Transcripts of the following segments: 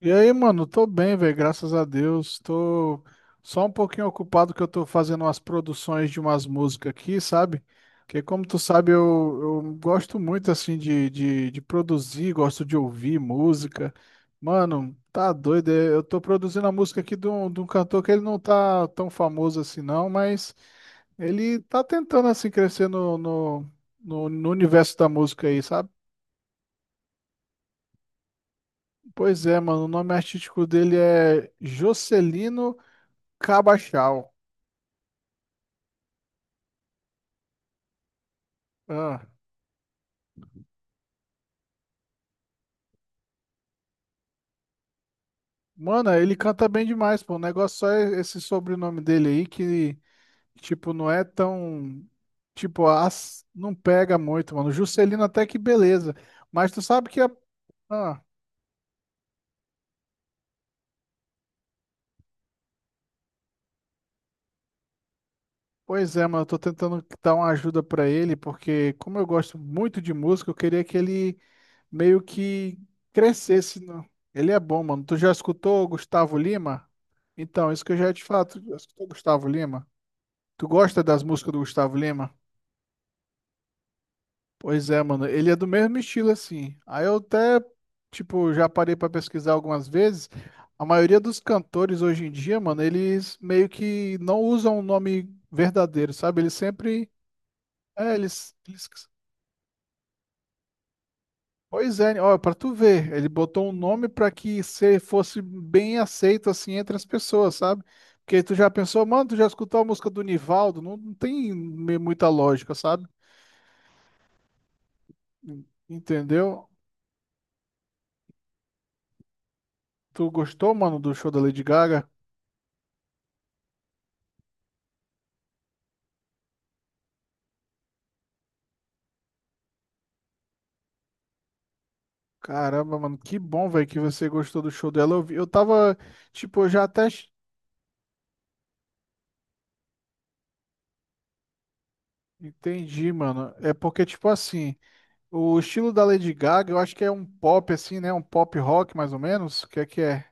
E aí, mano, tô bem, velho, graças a Deus. Tô só um pouquinho ocupado que eu tô fazendo umas produções de umas músicas aqui, sabe? Porque como tu sabe, eu gosto muito, assim, de produzir, gosto de ouvir música. Mano, tá doido, é, eu tô produzindo a música aqui de um cantor que ele não tá tão famoso assim não, mas ele tá tentando, assim, crescer no universo da música aí, sabe? Pois é, mano, o nome artístico dele é Jocelino... Cabachal. Ah. Mano, ele canta bem demais, pô. O negócio só é esse sobrenome dele aí que, tipo, não é tão. Tipo, as... não pega muito, mano. Juscelino até que beleza. Mas tu sabe que. Ah, pois é, mano. Eu tô tentando dar uma ajuda pra ele, porque como eu gosto muito de música, eu queria que ele meio que crescesse. Ele é bom, mano. Tu já escutou o Gustavo Lima? Então, isso que eu já ia te falar. Tu já escutou o Gustavo Lima? Tu gosta das músicas do Gustavo Lima? Pois é, mano, ele é do mesmo estilo assim. Aí eu até, tipo, já parei pra pesquisar algumas vezes. A maioria dos cantores hoje em dia, mano, eles meio que não usam o nome verdadeiro, sabe? Eles sempre, é, eles Pois é, ó, pra tu ver, ele botou um nome pra que se fosse bem aceito assim entre as pessoas, sabe? Porque tu já pensou, mano, tu já escutou a música do Nivaldo? Não, não tem muita lógica, sabe? Entendeu? Tu gostou, mano, do show da Lady Gaga? Caramba, mano, que bom, velho, que você gostou do show dela. Eu tava, tipo, eu já até ch- entendi, mano. É porque, tipo assim, o estilo da Lady Gaga, eu acho que é um pop, assim, né? Um pop rock, mais ou menos. O que é que é?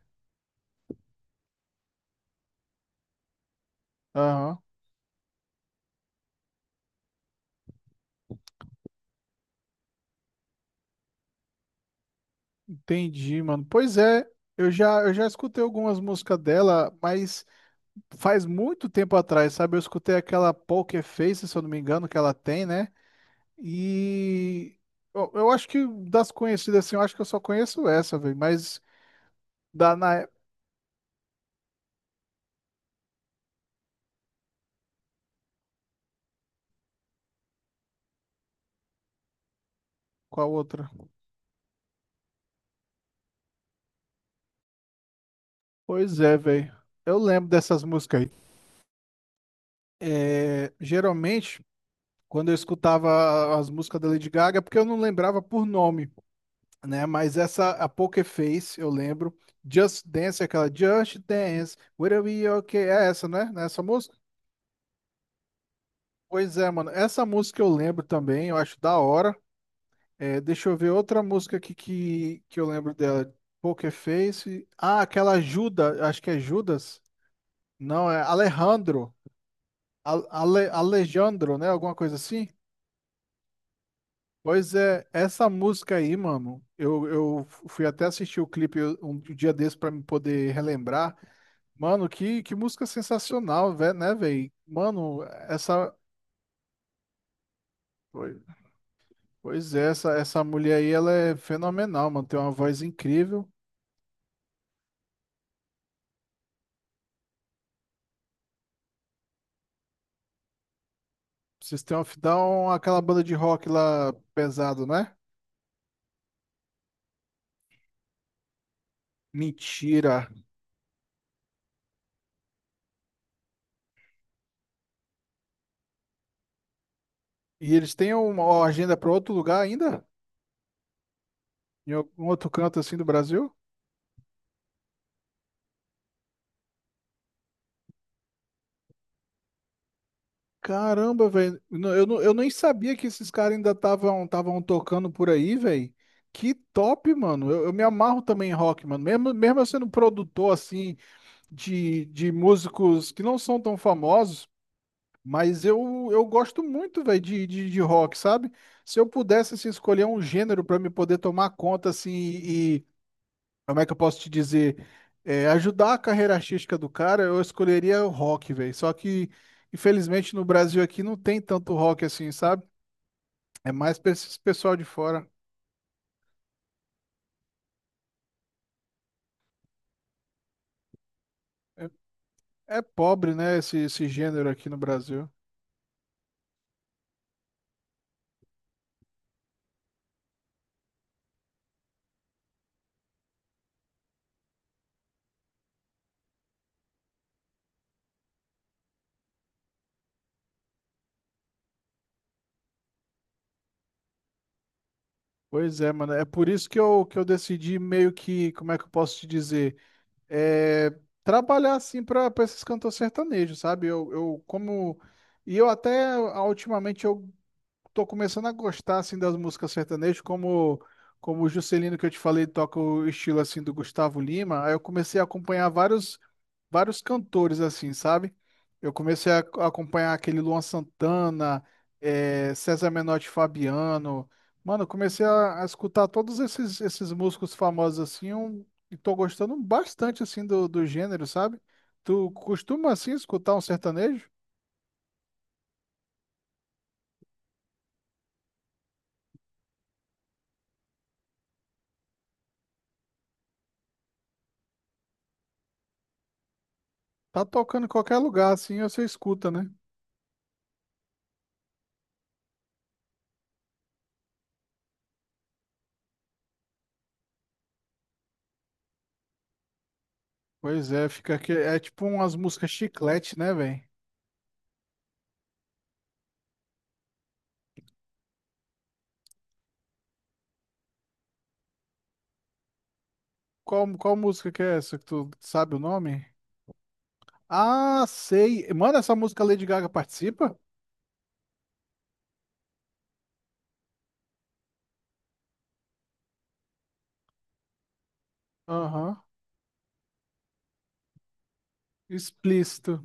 Aham, entendi, mano. Pois é, eu já escutei algumas músicas dela, mas faz muito tempo atrás, sabe? Eu escutei aquela Poker Face, se eu não me engano, que ela tem, né? E eu acho que das conhecidas, assim, eu acho que eu só conheço essa, velho, mas. Da, na, Qual outra? Pois é, velho. Eu lembro dessas músicas aí. É, geralmente, quando eu escutava as músicas da Lady Gaga, é porque eu não lembrava por nome, né? Mas essa, a Poker Face, eu lembro. Just Dance, aquela Just Dance, Will Be Okay. É essa, né? Nessa música? Pois é, mano. Essa música eu lembro também, eu acho da hora. É, deixa eu ver outra música aqui que eu lembro dela. Poker Face. Ah, aquela Judas, acho que é Judas. Não, é Alejandro. Alejandro, né? Alguma coisa assim? Pois é, essa música aí, mano, eu fui até assistir o clipe um dia desse pra me poder relembrar. Mano, que música sensacional, né, velho? Mano, essa. Pois pois é, essa mulher aí, ela é fenomenal, mano. Tem uma voz incrível. System of Down, aquela banda de rock lá pesado, né? Mentira. E eles têm uma agenda pra outro lugar ainda? Em algum outro canto assim do Brasil? Caramba, velho. Não, eu nem sabia que esses caras ainda estavam tocando por aí, velho. Que top, mano. Eu me amarro também em rock, mano. Mesmo eu sendo produtor, assim, de músicos que não são tão famosos, mas eu gosto muito, velho, de rock, sabe? Se eu pudesse, assim, escolher um gênero pra me poder tomar conta, assim, e como é que eu posso te dizer? É, ajudar a carreira artística do cara, eu escolheria o rock, velho. Só que, infelizmente, no Brasil aqui não tem tanto rock assim, sabe? É mais pra esse pessoal de fora. É, é pobre, né, esse gênero aqui no Brasil. Pois é, mano. É por isso que eu decidi meio que, como é que eu posso te dizer? É, trabalhar assim pra esses cantores sertanejos, sabe? Eu como. E eu até ah, ultimamente eu tô começando a gostar assim das músicas sertanejas, como como o Juscelino que eu te falei toca o estilo assim do Gustavo Lima. Aí eu comecei a acompanhar vários cantores assim, sabe? Eu comecei a acompanhar aquele Luan Santana, eh, César Menotti e Fabiano. Mano, eu comecei a escutar todos esses músicos famosos assim, e tô gostando bastante assim do, do gênero, sabe? Tu costuma assim escutar um sertanejo? Tá tocando em qualquer lugar assim, você escuta, né? Pois é, fica aqui. É tipo umas músicas chiclete, né, velho? Qual música que é essa que tu sabe o nome? Ah, sei. Mano, essa música Lady Gaga participa? Aham. Explícito.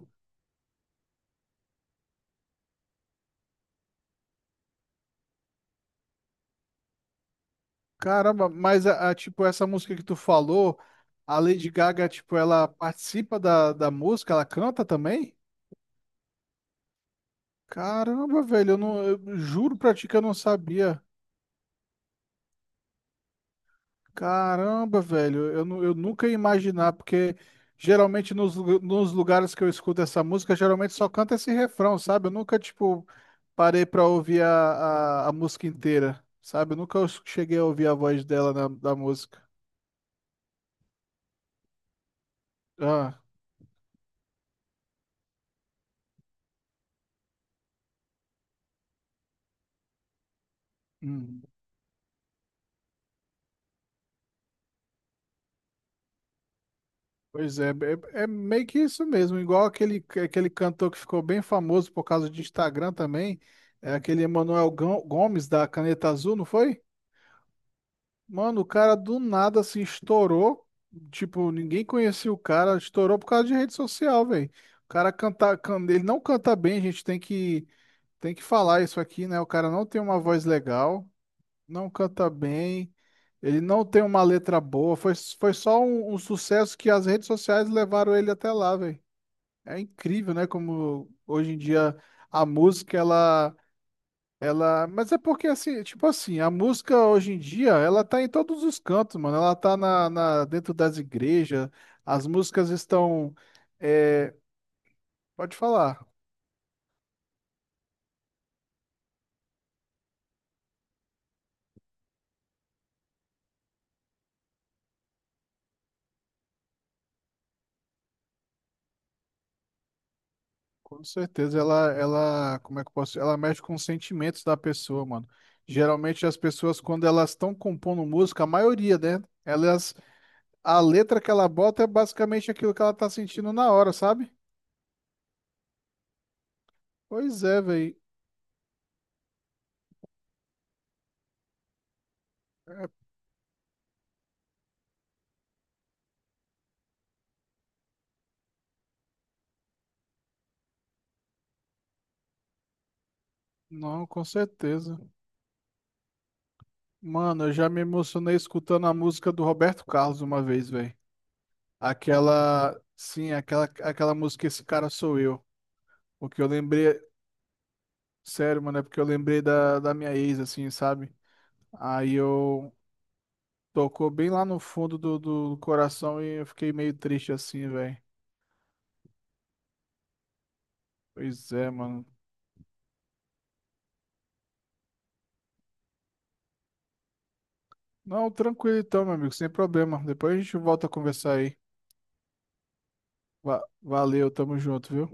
Caramba, mas tipo, essa música que tu falou, a Lady Gaga, tipo, ela participa da música, ela canta também? Caramba, velho, eu não, eu juro pra ti que eu não sabia. Caramba, velho, eu, eu nunca ia imaginar, porque geralmente nos lugares que eu escuto essa música, geralmente só canta esse refrão, sabe? Eu nunca, tipo, parei pra ouvir a música inteira, sabe? Eu nunca cheguei a ouvir a voz dela da música. Ah, hum, pois é, é, é meio que isso mesmo, igual aquele, aquele cantor que ficou bem famoso por causa de Instagram também, é aquele Gomes da Caneta Azul, não foi? Mano, o cara do nada assim estourou. Tipo, ninguém conhecia o cara, estourou por causa de rede social, velho. O cara canta, ele não canta bem, a gente tem que falar isso aqui, né? O cara não tem uma voz legal, não canta bem, ele não tem uma letra boa. Foi só um sucesso que as redes sociais levaram ele até lá, velho. É incrível, né? Como hoje em dia a música ela ela, mas é porque assim, tipo assim, a música hoje em dia, ela tá em todos os cantos, mano. Ela tá dentro das igrejas, as músicas estão, é, pode falar, com certeza como é que eu posso, ela mexe com os sentimentos da pessoa, mano. Geralmente as pessoas quando elas estão compondo música, a maioria, né? Elas, a letra que ela bota é basicamente aquilo que ela tá sentindo na hora, sabe? Pois é, velho. Não, com certeza. Mano, eu já me emocionei escutando a música do Roberto Carlos uma vez, velho. Aquela música Esse Cara Sou Eu. Porque eu lembrei, sério, mano, é porque eu lembrei da minha ex, assim, sabe? Aí eu Tocou bem lá no fundo do, do coração e eu fiquei meio triste assim, velho. Pois é, mano. Não, tranquilo então, meu amigo, sem problema. Depois a gente volta a conversar aí. Valeu, tamo junto, viu?